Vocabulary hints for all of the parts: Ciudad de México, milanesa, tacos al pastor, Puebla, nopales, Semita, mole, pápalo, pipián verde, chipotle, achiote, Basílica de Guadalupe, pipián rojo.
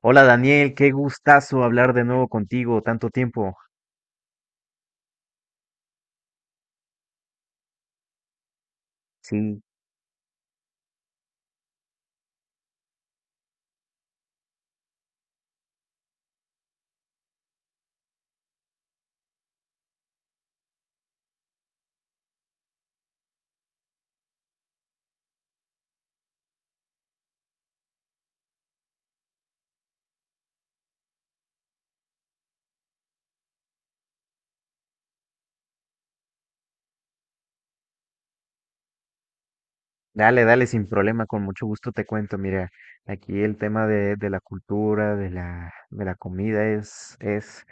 Hola Daniel, qué gustazo hablar de nuevo contigo, tanto tiempo. Sí, dale, dale, sin problema, con mucho gusto te cuento. Mira, aquí el tema de la cultura, de la comida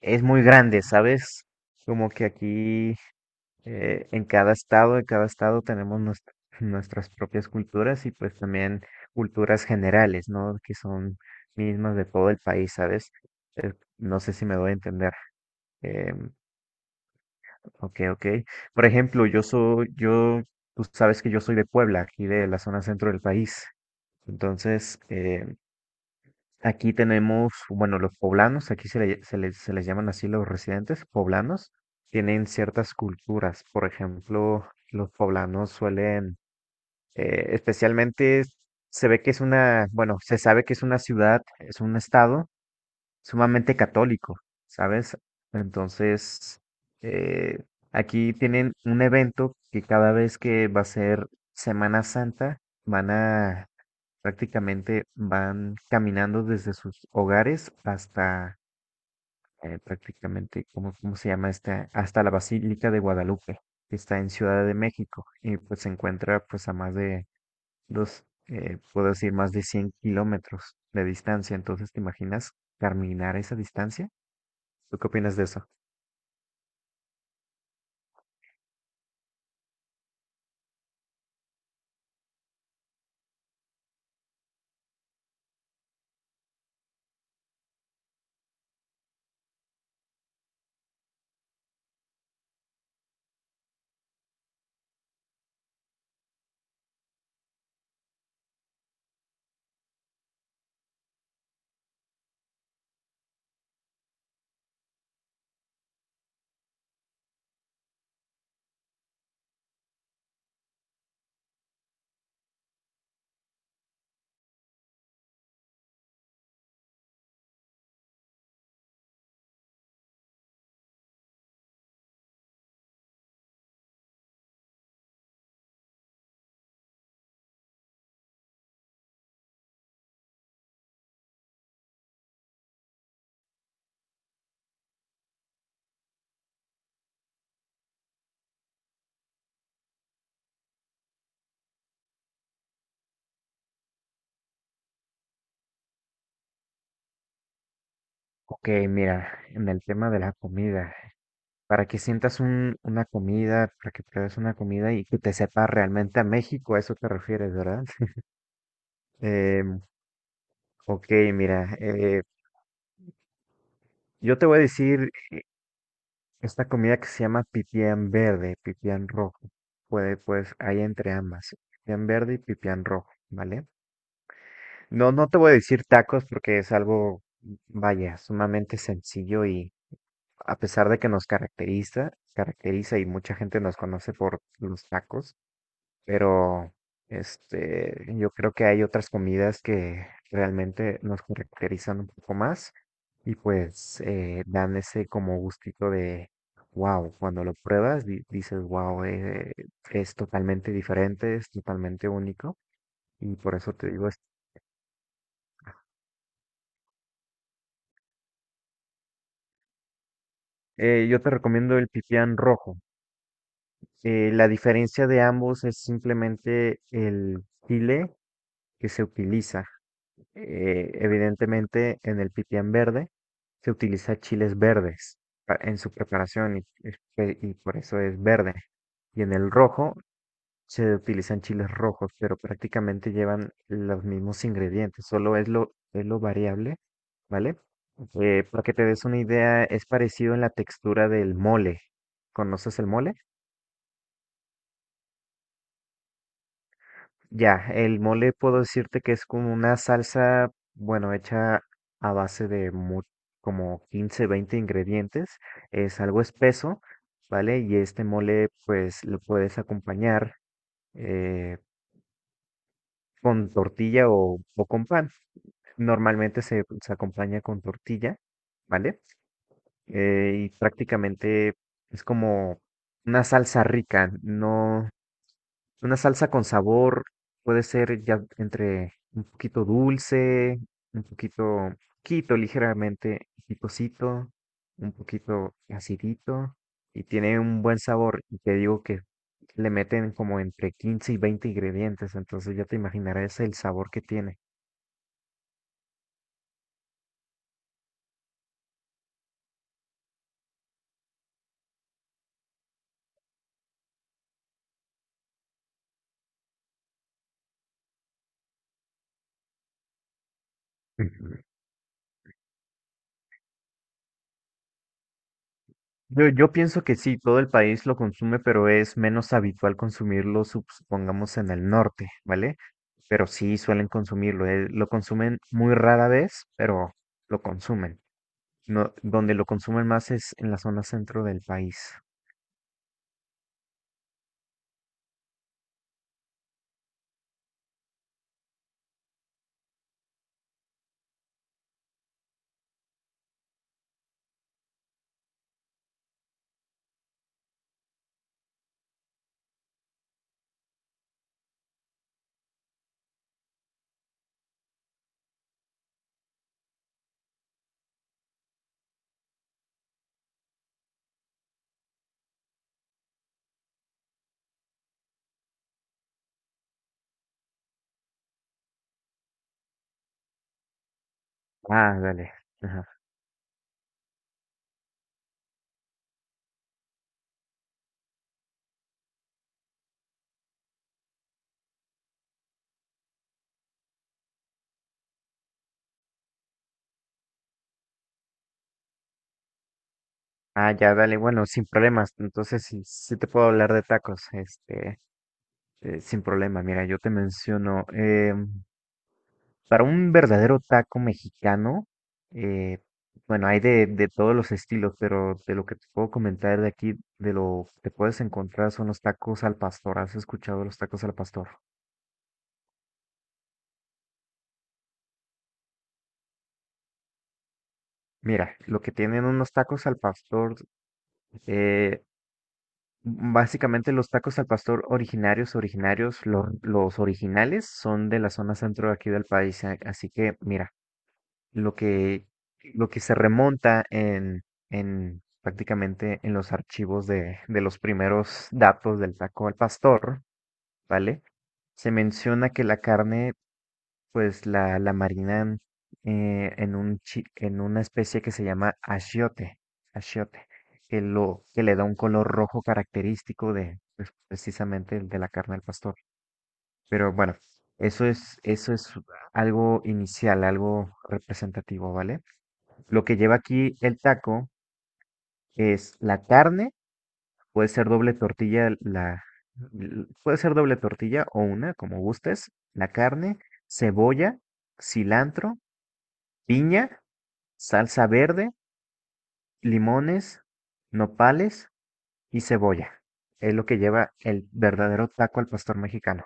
es muy grande, ¿sabes? Como que aquí en cada estado tenemos nuestras propias culturas y pues también culturas generales, ¿no? Que son mismas de todo el país, ¿sabes? Eh, no sé si me doy a entender. Em, Ok, ok. Por ejemplo, yo, tú sabes que yo soy de Puebla, aquí de la zona centro del país. Entonces, aquí tenemos, bueno, los poblanos, aquí se les llaman así los residentes poblanos, tienen ciertas culturas. Por ejemplo, los poblanos suelen, especialmente se ve que es una, bueno, se sabe que es una ciudad, es un estado sumamente católico, ¿sabes? Entonces, eh, aquí tienen un evento que cada vez que va a ser Semana Santa, van a prácticamente, van caminando desde sus hogares hasta prácticamente, ¿cómo, cómo se llama esta? Hasta la Basílica de Guadalupe, que está en Ciudad de México, y pues se encuentra pues a más de puedo decir, más de 100 km de distancia. Entonces, ¿te imaginas caminar esa distancia? ¿Tú qué opinas de eso? Ok, mira, en el tema de la comida, para que sientas una comida, para que pruebes una comida y que te sepa realmente a México, a eso te refieres, ¿verdad? Em, ok, mira, yo te voy a decir esta comida que se llama pipián verde, pipián rojo. Puede, pues, hay entre ambas, pipián verde y pipián rojo, ¿vale? No, no te voy a decir tacos porque es algo, vaya, sumamente sencillo y a pesar de que nos caracteriza y mucha gente nos conoce por los tacos, pero este, yo creo que hay otras comidas que realmente nos caracterizan un poco más y pues dan ese como gustito de wow, cuando lo pruebas dices wow, es totalmente diferente, es totalmente único y por eso te digo esto. Yo te recomiendo el pipián rojo. La diferencia de ambos es simplemente el chile que se utiliza. Evidentemente, en el pipián verde se utiliza chiles verdes en su preparación y, y por eso es verde. Y en el rojo se utilizan chiles rojos, pero prácticamente llevan los mismos ingredientes, solo es lo variable, ¿vale? Para que te des una idea, es parecido en la textura del mole. ¿Conoces el mole? Ya, el mole puedo decirte que es como una salsa, bueno, hecha a base como 15 20 ingredientes. Es algo espeso, ¿vale? Y este mole, pues lo puedes acompañar eh, con tortilla o con pan. Normalmente se acompaña con tortilla, ¿vale? Y prácticamente es como una salsa rica, no, una salsa con sabor puede ser ya entre un poquito dulce, un poquito, poquito ligeramente picosito, un poquito acidito y tiene un buen sabor. Y te digo que le meten como entre 15 y 20 ingredientes, entonces ya te imaginarás el sabor que tiene. Yo pienso que sí, todo el país lo consume, pero es menos habitual consumirlo, supongamos, en el norte, ¿vale? Pero sí suelen consumirlo, lo consumen muy rara vez, pero lo consumen. No, donde lo consumen más es en la zona centro del país. Ah, dale. Ajá. Ah, ya, dale. Bueno, sin problemas. Entonces sí, sí te puedo hablar de tacos, este, sin problema. Mira, yo te menciono. Para un verdadero taco mexicano, eh, bueno, hay de todos los estilos, pero de lo que te puedo comentar de aquí, de lo que puedes encontrar son los tacos al pastor. ¿Has escuchado de los tacos al pastor? Mira, lo que tienen unos tacos al pastor, eh, básicamente los tacos al pastor originarios, los originales son de la zona centro de aquí del país. Así que, mira. lo que, lo que se remonta en prácticamente en los archivos de los primeros datos del taco al pastor, ¿vale? Se menciona que la carne, pues la marinan en una especie que se llama achiote, achiote, que le da un color rojo característico de pues, precisamente el de la carne del pastor. Pero bueno, eso es algo inicial, algo representativo, ¿vale? Lo que lleva aquí el taco es la carne, puede ser doble tortilla, puede ser doble tortilla o una, como gustes, la carne, cebolla, cilantro, piña, salsa verde, limones, nopales y cebolla. Es lo que lleva el verdadero taco al pastor mexicano.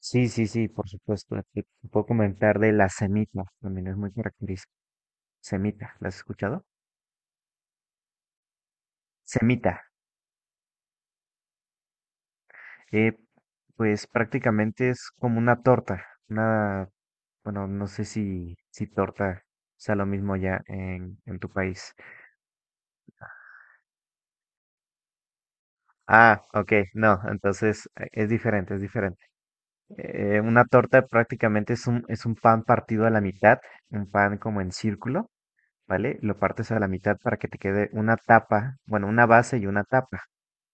Sí, sí, sí, por supuesto. Te puedo comentar de la semita, también es muy característica. Semita, ¿la has escuchado? Semita. Que pues prácticamente es como una torta, una, bueno, no sé si torta sea lo mismo ya en tu país. Ah, ok, no, entonces es diferente, es diferente. Una torta prácticamente es es un pan partido a la mitad, un pan como en círculo, ¿vale? Lo partes a la mitad para que te quede una tapa, bueno, una base y una tapa,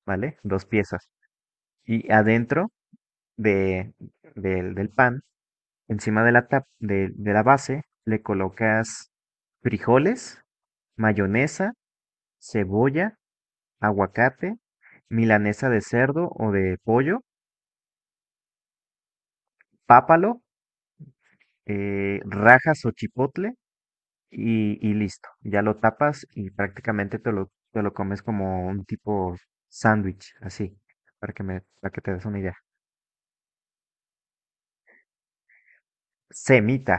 ¿vale? Dos piezas. Y adentro de, del pan. Encima de de la base le colocas frijoles, mayonesa, cebolla, aguacate, milanesa de cerdo o de pollo, pápalo, rajas o chipotle y listo. Ya lo tapas y prácticamente te lo comes como un tipo sándwich, así, para que te des una idea. Semita.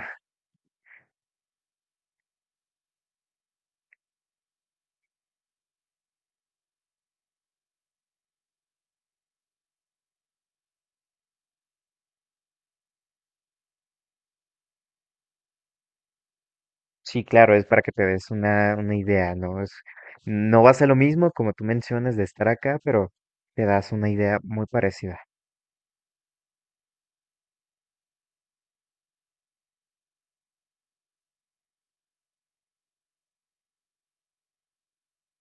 Sí, claro, es para que te des una idea, ¿no? Es, no va a ser lo mismo como tú mencionas de estar acá, pero te das una idea muy parecida.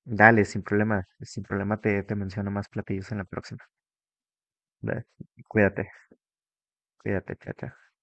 Dale, sin problema, sin problema te menciono más platillos en la próxima. Dale, cuídate, cuídate, chao, chao.